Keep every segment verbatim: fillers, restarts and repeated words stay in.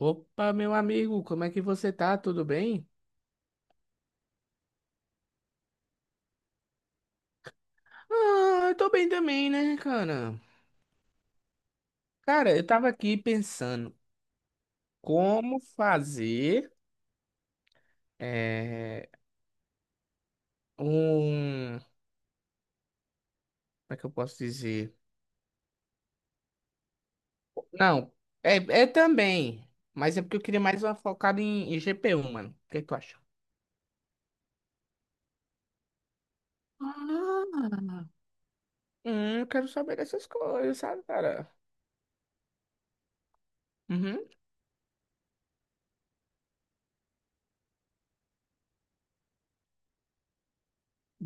Opa, meu amigo, como é que você tá? Tudo bem? Ah, eu tô bem também, né, cara? Cara, eu tava aqui pensando como fazer é, um. Como é que eu posso dizer? Não, é, é também, mas é porque eu queria mais uma focada em, em G P U, mano. O que que tu acha? Ah, Hum, eu quero saber dessas coisas, sabe, cara? Uhum.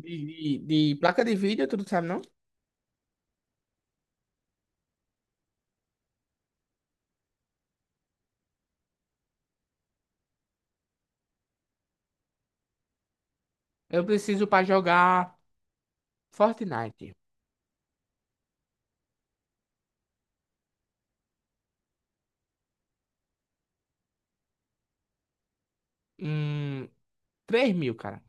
De, de, de placa de vídeo, tu não sabe, não? Eu preciso pra jogar Fortnite. Hum. Três mil, cara.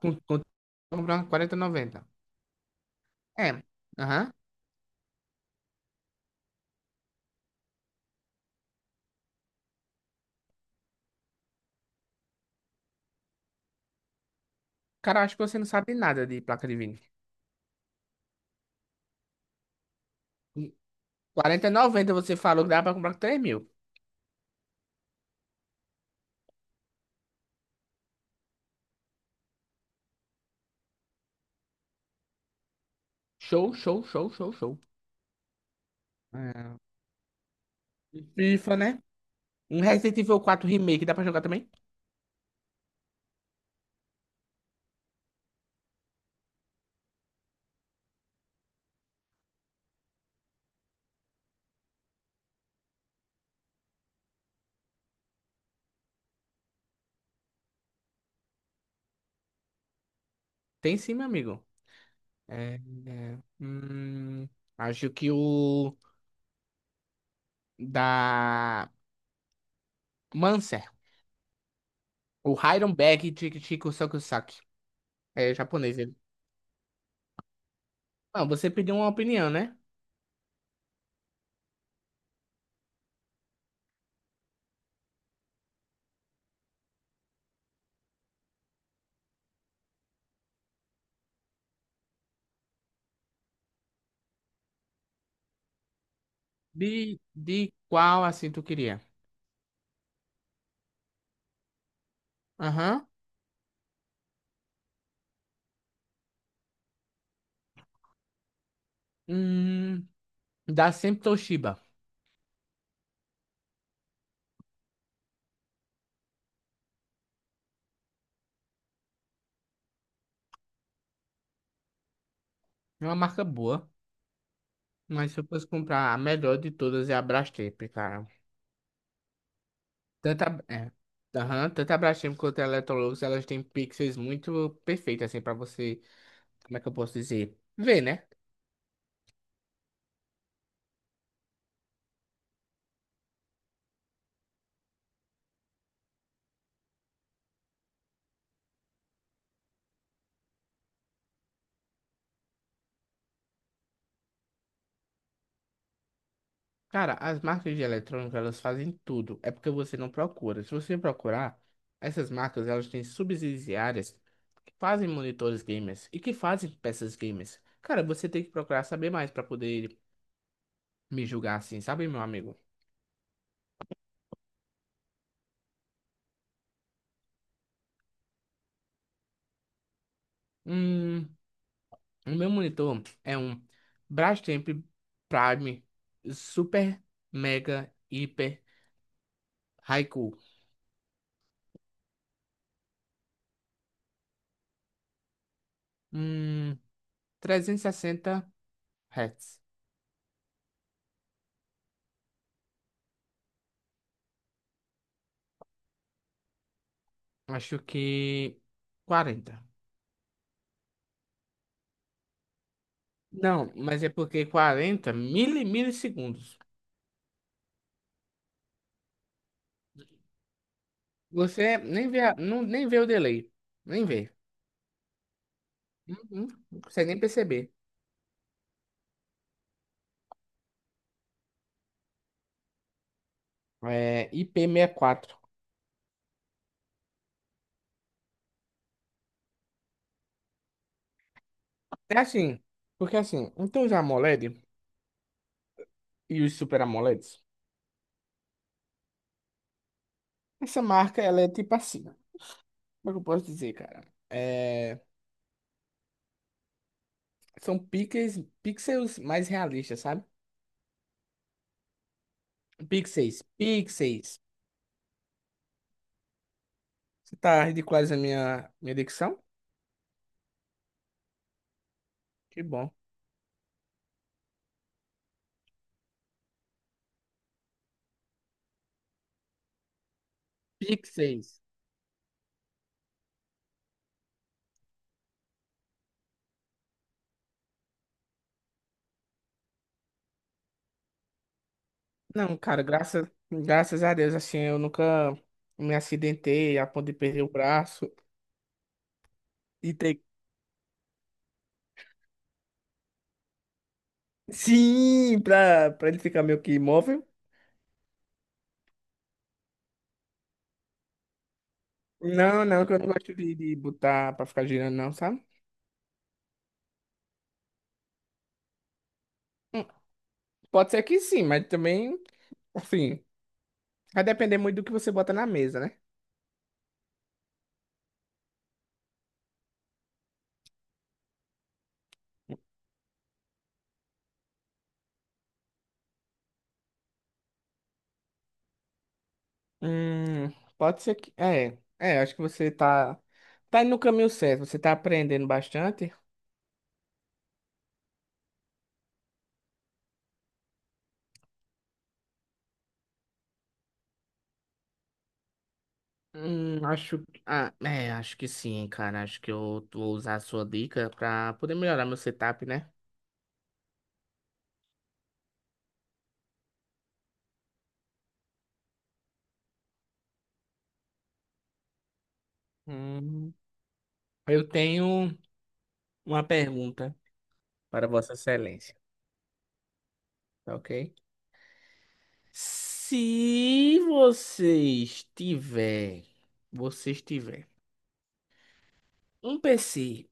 Com, com, comprando quarenta e noventa. É. Aham. Cara, acho que você não sabe nada de placa de vídeo. Quarenta e noventa você falou que dá pra comprar com três mil. Show, show, show, show, show. É. E FIFA, né? Um Resident Evil quatro Remake dá pra jogar também? Tem sim, meu amigo. É, é, hum, acho que o da Manser. O Iron Bag Chico Chico Sokusaki. É japonês ele. Não, você pediu uma opinião, né? De, de qual assim tu queria? Aham. Hum, dá sempre Toshiba. É uma marca boa. Mas se eu fosse comprar a melhor de todas é a Brastemp, cara. Tanto a, é, aham, tanto a Brastemp quanto a Electrolux, elas têm pixels muito perfeitos, assim, pra você. Como é que eu posso dizer? Ver, né? Cara, as marcas de eletrônica, elas fazem tudo. É porque você não procura. Se você procurar, essas marcas, elas têm subsidiárias que fazem monitores gamers e que fazem peças gamers. Cara, você tem que procurar saber mais pra poder me julgar assim, sabe, meu amigo? Hum, o meu monitor é um Brastemp Prime Super Mega Hiper Haiku. Hum, trezentos e sessenta Hz. Acho que quarenta. Não, mas é porque quarenta mili, milissegundos. Você nem vê, a- não, nem vê o delay. Nem vê. Uhum. Não consegue nem perceber. É IP quatro. É assim, porque assim, então os AMOLED e os Super AMOLED. Essa marca, ela é tipo assim, ó. Como é que eu posso dizer, cara? É, são pixels, pixels mais realistas, sabe? Pixels, pixels. Você tá ridicularizando a minha, minha dicção? Que bom. Pixels. Não, cara, graças, graças a Deus, assim, eu nunca me acidentei a ponto de perder o braço e ter... Sim, pra, pra ele ficar meio que imóvel. Não, não, que eu não gosto de, de botar pra ficar girando, não, sabe? Hum, Pode ser que sim, mas também, assim... Vai depender muito do que você bota na mesa, né? Hum, pode ser que. É, é, acho que você tá. Tá indo no caminho certo, você tá aprendendo bastante. Hum, acho. Ah, é, acho que sim, cara. Acho que eu vou usar a sua dica pra poder melhorar meu setup, né? Hum, eu tenho uma pergunta para Vossa Excelência, tá ok? Se você estiver. Você estiver. Um P C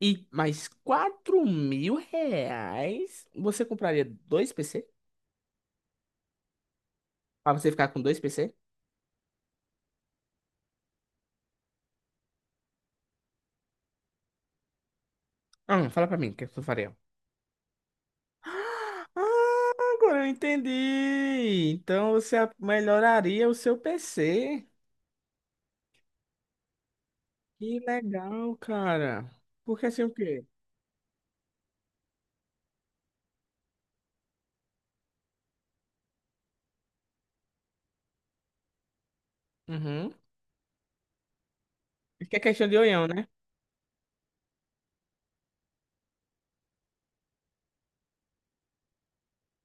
e mais quatro mil reais, você compraria dois P C? Pra você ficar com dois P C? Ah, fala pra mim, o que eu faria? Ah, agora eu entendi. Então você a- melhoraria o seu P C. Que legal, cara. Porque assim o quê? Uhum. Isso que é questão de olhão, né?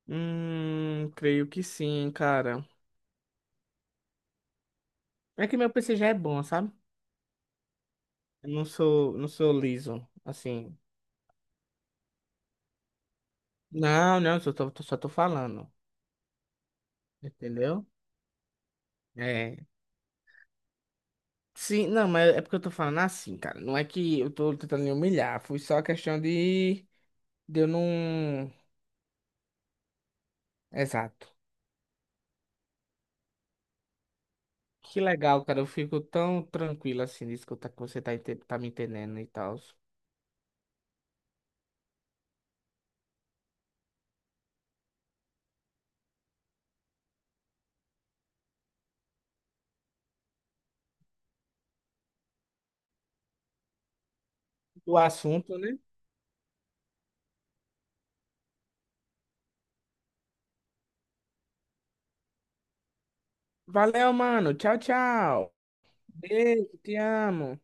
Hum, creio que sim, cara. É que meu P C já é bom, sabe? Eu não sou, não sou liso, assim. Não, não, só tô, só tô falando. Entendeu? É. Sim, não, mas é porque eu tô falando assim, cara. Não é que eu tô tentando me humilhar, foi só a questão de, de eu não. Exato. Que legal, cara. Eu fico tão tranquilo assim de escutar que você tá, ente- tá me entendendo e tal. Do assunto, né? Valeu, mano. Tchau, tchau. Beijo, te amo.